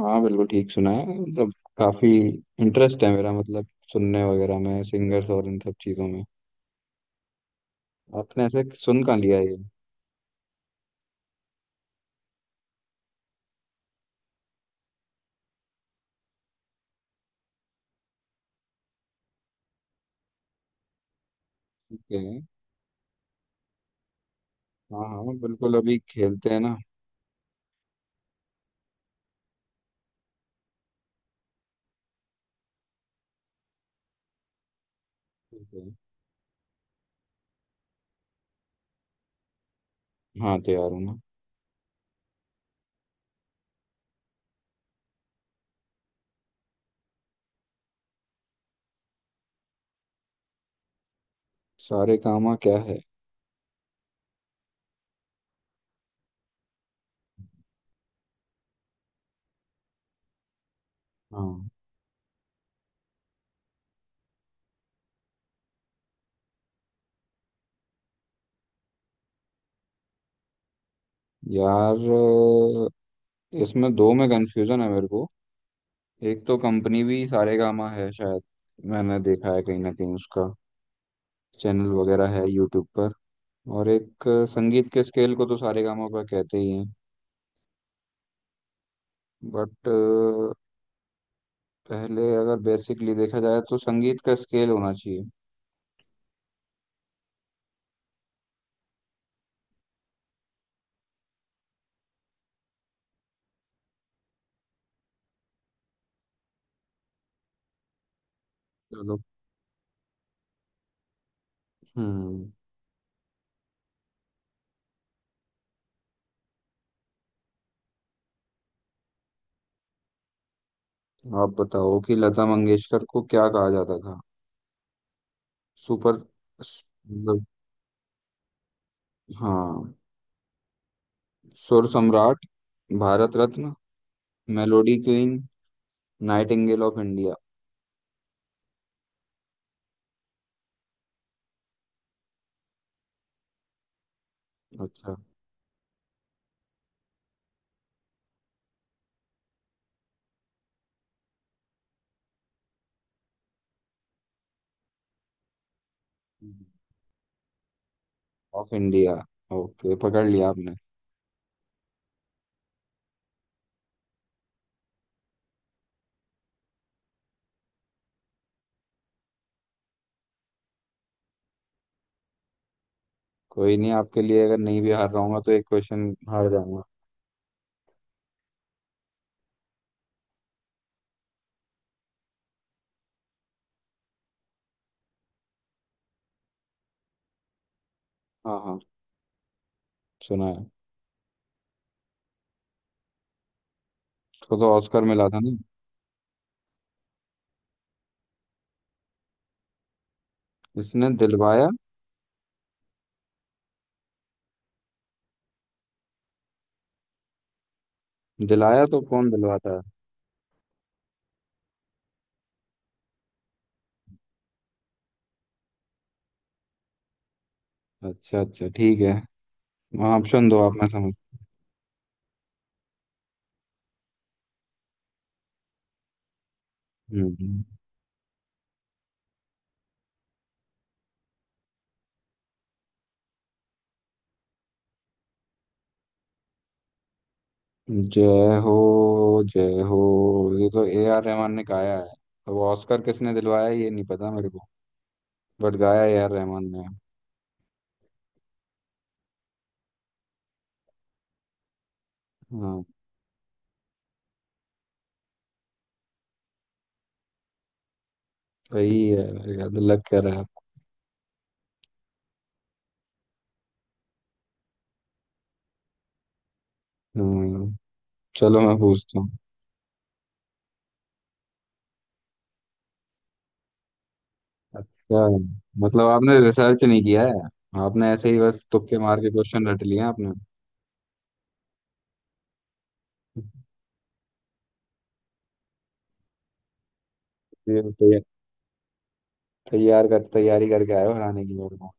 हाँ, बिल्कुल ठीक सुना है। मतलब काफी इंटरेस्ट है मेरा। मतलब सुनने वगैरह में, सिंगर्स और इन सब चीजों में। आपने ऐसे सुन कहाँ लिया ये? ठीक है। हाँ हाँ, बिल्कुल अभी खेलते हैं ना। ठीक है। हाँ, तैयार हूँ ना। सारे कामा क्या है? हाँ यार, इसमें दो में कंफ्यूजन है मेरे को। एक तो कंपनी भी सारे कामा है शायद, मैंने देखा है कहीं ना कहीं उसका चैनल वगैरह है यूट्यूब पर। और एक संगीत के स्केल को तो सारे कामा पर कहते ही हैं। बट पहले अगर बेसिकली देखा जाए तो संगीत का स्केल होना चाहिए। चलो। हम्म। आप बताओ कि लता मंगेशकर को क्या कहा जाता था? सुपर... स- मतलब, हाँ, सुर सम्राट, Bharat Ratna, melody queen, nightingale of India. अच्छा, ऑफ इंडिया। ओके, पकड़ लिया आपने। कोई नहीं, आपके लिए अगर नहीं भी हार रहा हूंगा तो एक क्वेश्चन हार जाऊंगा। हाँ हाँ, सुना है। उसको तो ऑस्कर मिला था ना। इसने दिलवाया। दिलाया तो कौन दिलवाता है? अच्छा अच्छा, ठीक है। ऑप्शन दो आप, मैं समझ... हम्म, जय हो, जय हो, ये तो ए आर रहमान ने गाया है। अब ऑस्कर किसने दिलवाया ये नहीं पता मेरे को। बट गाया ए आर रहमान ने। हाँ, सही है। याद लग कह रहा है आपको। हम्म, चलो मैं पूछता हूँ। अच्छा, मतलब आपने रिसर्च नहीं किया है? आपने ऐसे ही बस तुक्के मार के क्वेश्चन रट लिए हैं आपने। ये तैयार तैयार कर तैयारी करके आए हो हराने की मेरे को।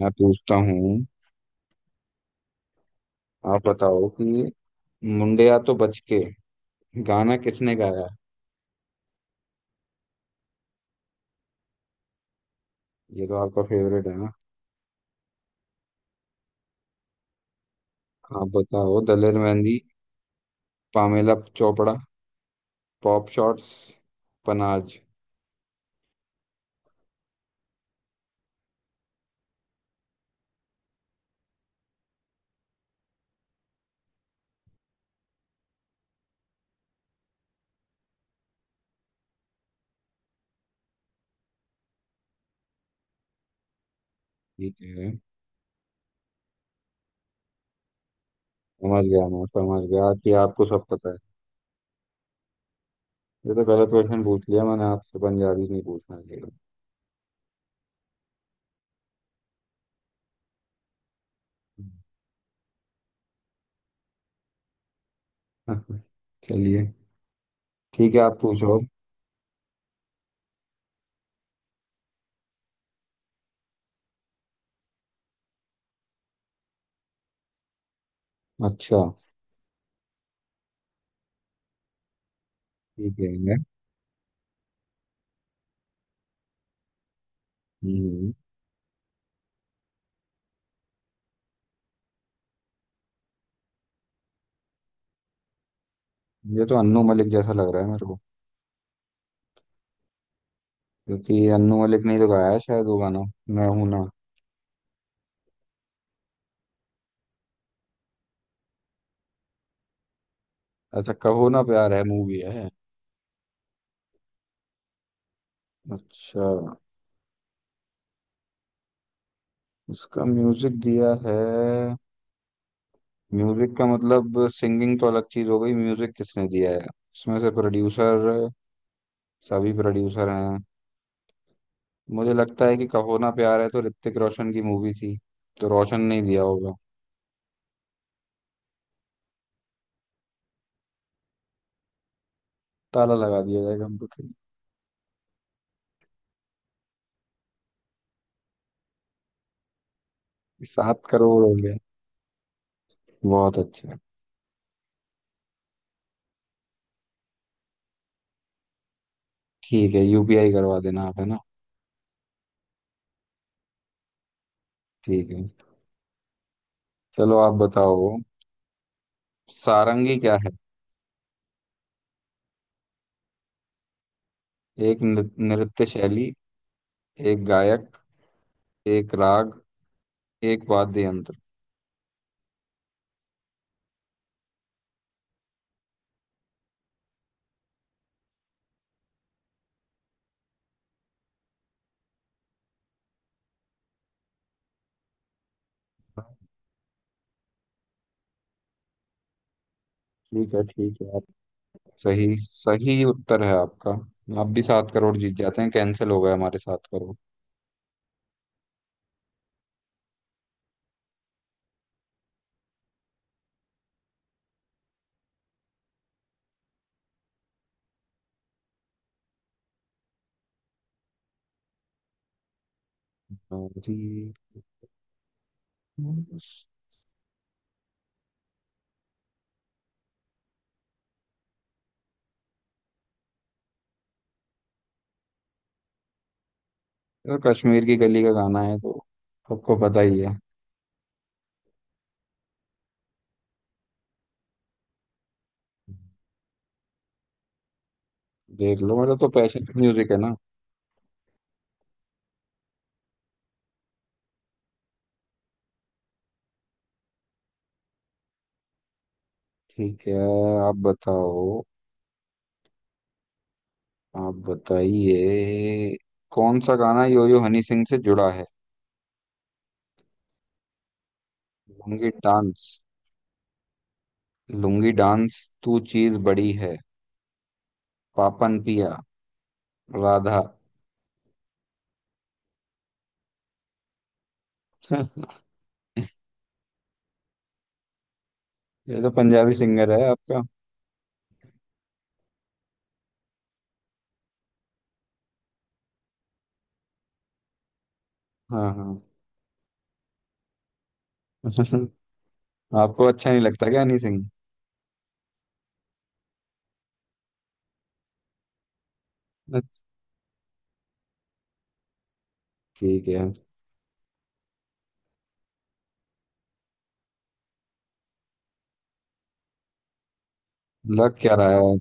मैं पूछता हूँ। आप बताओ कि मुंडिया तो बच के गाना किसने गाया? ये तो आपका फेवरेट है ना। आप बताओ, दलेर मेहंदी, पामेला चोपड़ा, पॉप शॉट्स, पनाज। ठीक है, समझ गया, मैं समझ गया कि आपको सब पता है। ये तो गलत क्वेश्चन पूछ लिया मैंने आपसे, पंजाबी नहीं पूछना चाहिए। चलिए, ठीक है, आप पूछो। अच्छा। ठीक है। हम्म, ये तो अन्नू मलिक जैसा लग रहा है मेरे को। क्योंकि अन्नू मलिक ने ही तो गाया है शायद वो गाना, मैं हूं ना। ऐसा, कहो ना प्यार है मूवी है। अच्छा। इसका म्यूजिक दिया है। म्यूजिक का मतलब सिंगिंग तो अलग चीज हो गई, म्यूजिक किसने दिया है? इसमें से प्रोड्यूसर, सभी प्रोड्यूसर हैं। मुझे लगता है कि कहो ना प्यार है तो ऋतिक रोशन की मूवी थी, तो रोशन नहीं दिया होगा। ताला लगा दिया जाएगा कंप्यूटर में। 7 करोड़ हो गया? बहुत अच्छा। ठीक है, यूपीआई करवा देना आप, है ना। ठीक है। चलो आप बताओ। सारंगी क्या है? नृत्य शैली, एक गायक, एक राग, एक वाद्य यंत्र। ठीक है आप... सही सही उत्तर है आपका। आप भी 7 करोड़ जीत जाते हैं, कैंसिल हो गए हमारे 7 करोड़। तो ठीक है। तो कश्मीर की गली का गाना है तो सबको पता ही है। देख लो, मेरा तो पैशन म्यूजिक है ना। ठीक है, आप बताओ। आप बताइए कौन सा गाना योयो हनी सिंह से जुड़ा है? लुंगी डांस, लुंगी डांस तू चीज बड़ी है, पापन पिया, राधा। ये तो पंजाबी सिंगर है आपका। हाँ हाँ। आपको अच्छा नहीं लगता क्या हनी सिंह? अच्छा। ठीक है, लग क्या रहा है।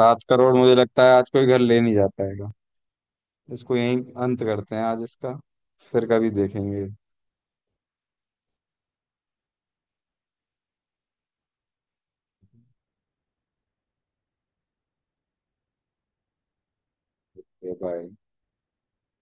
7 करोड़ मुझे लगता है आज कोई घर ले नहीं जा पाएगा। इसको यहीं अंत करते हैं आज इसका, फिर कभी देखेंगे। बाय।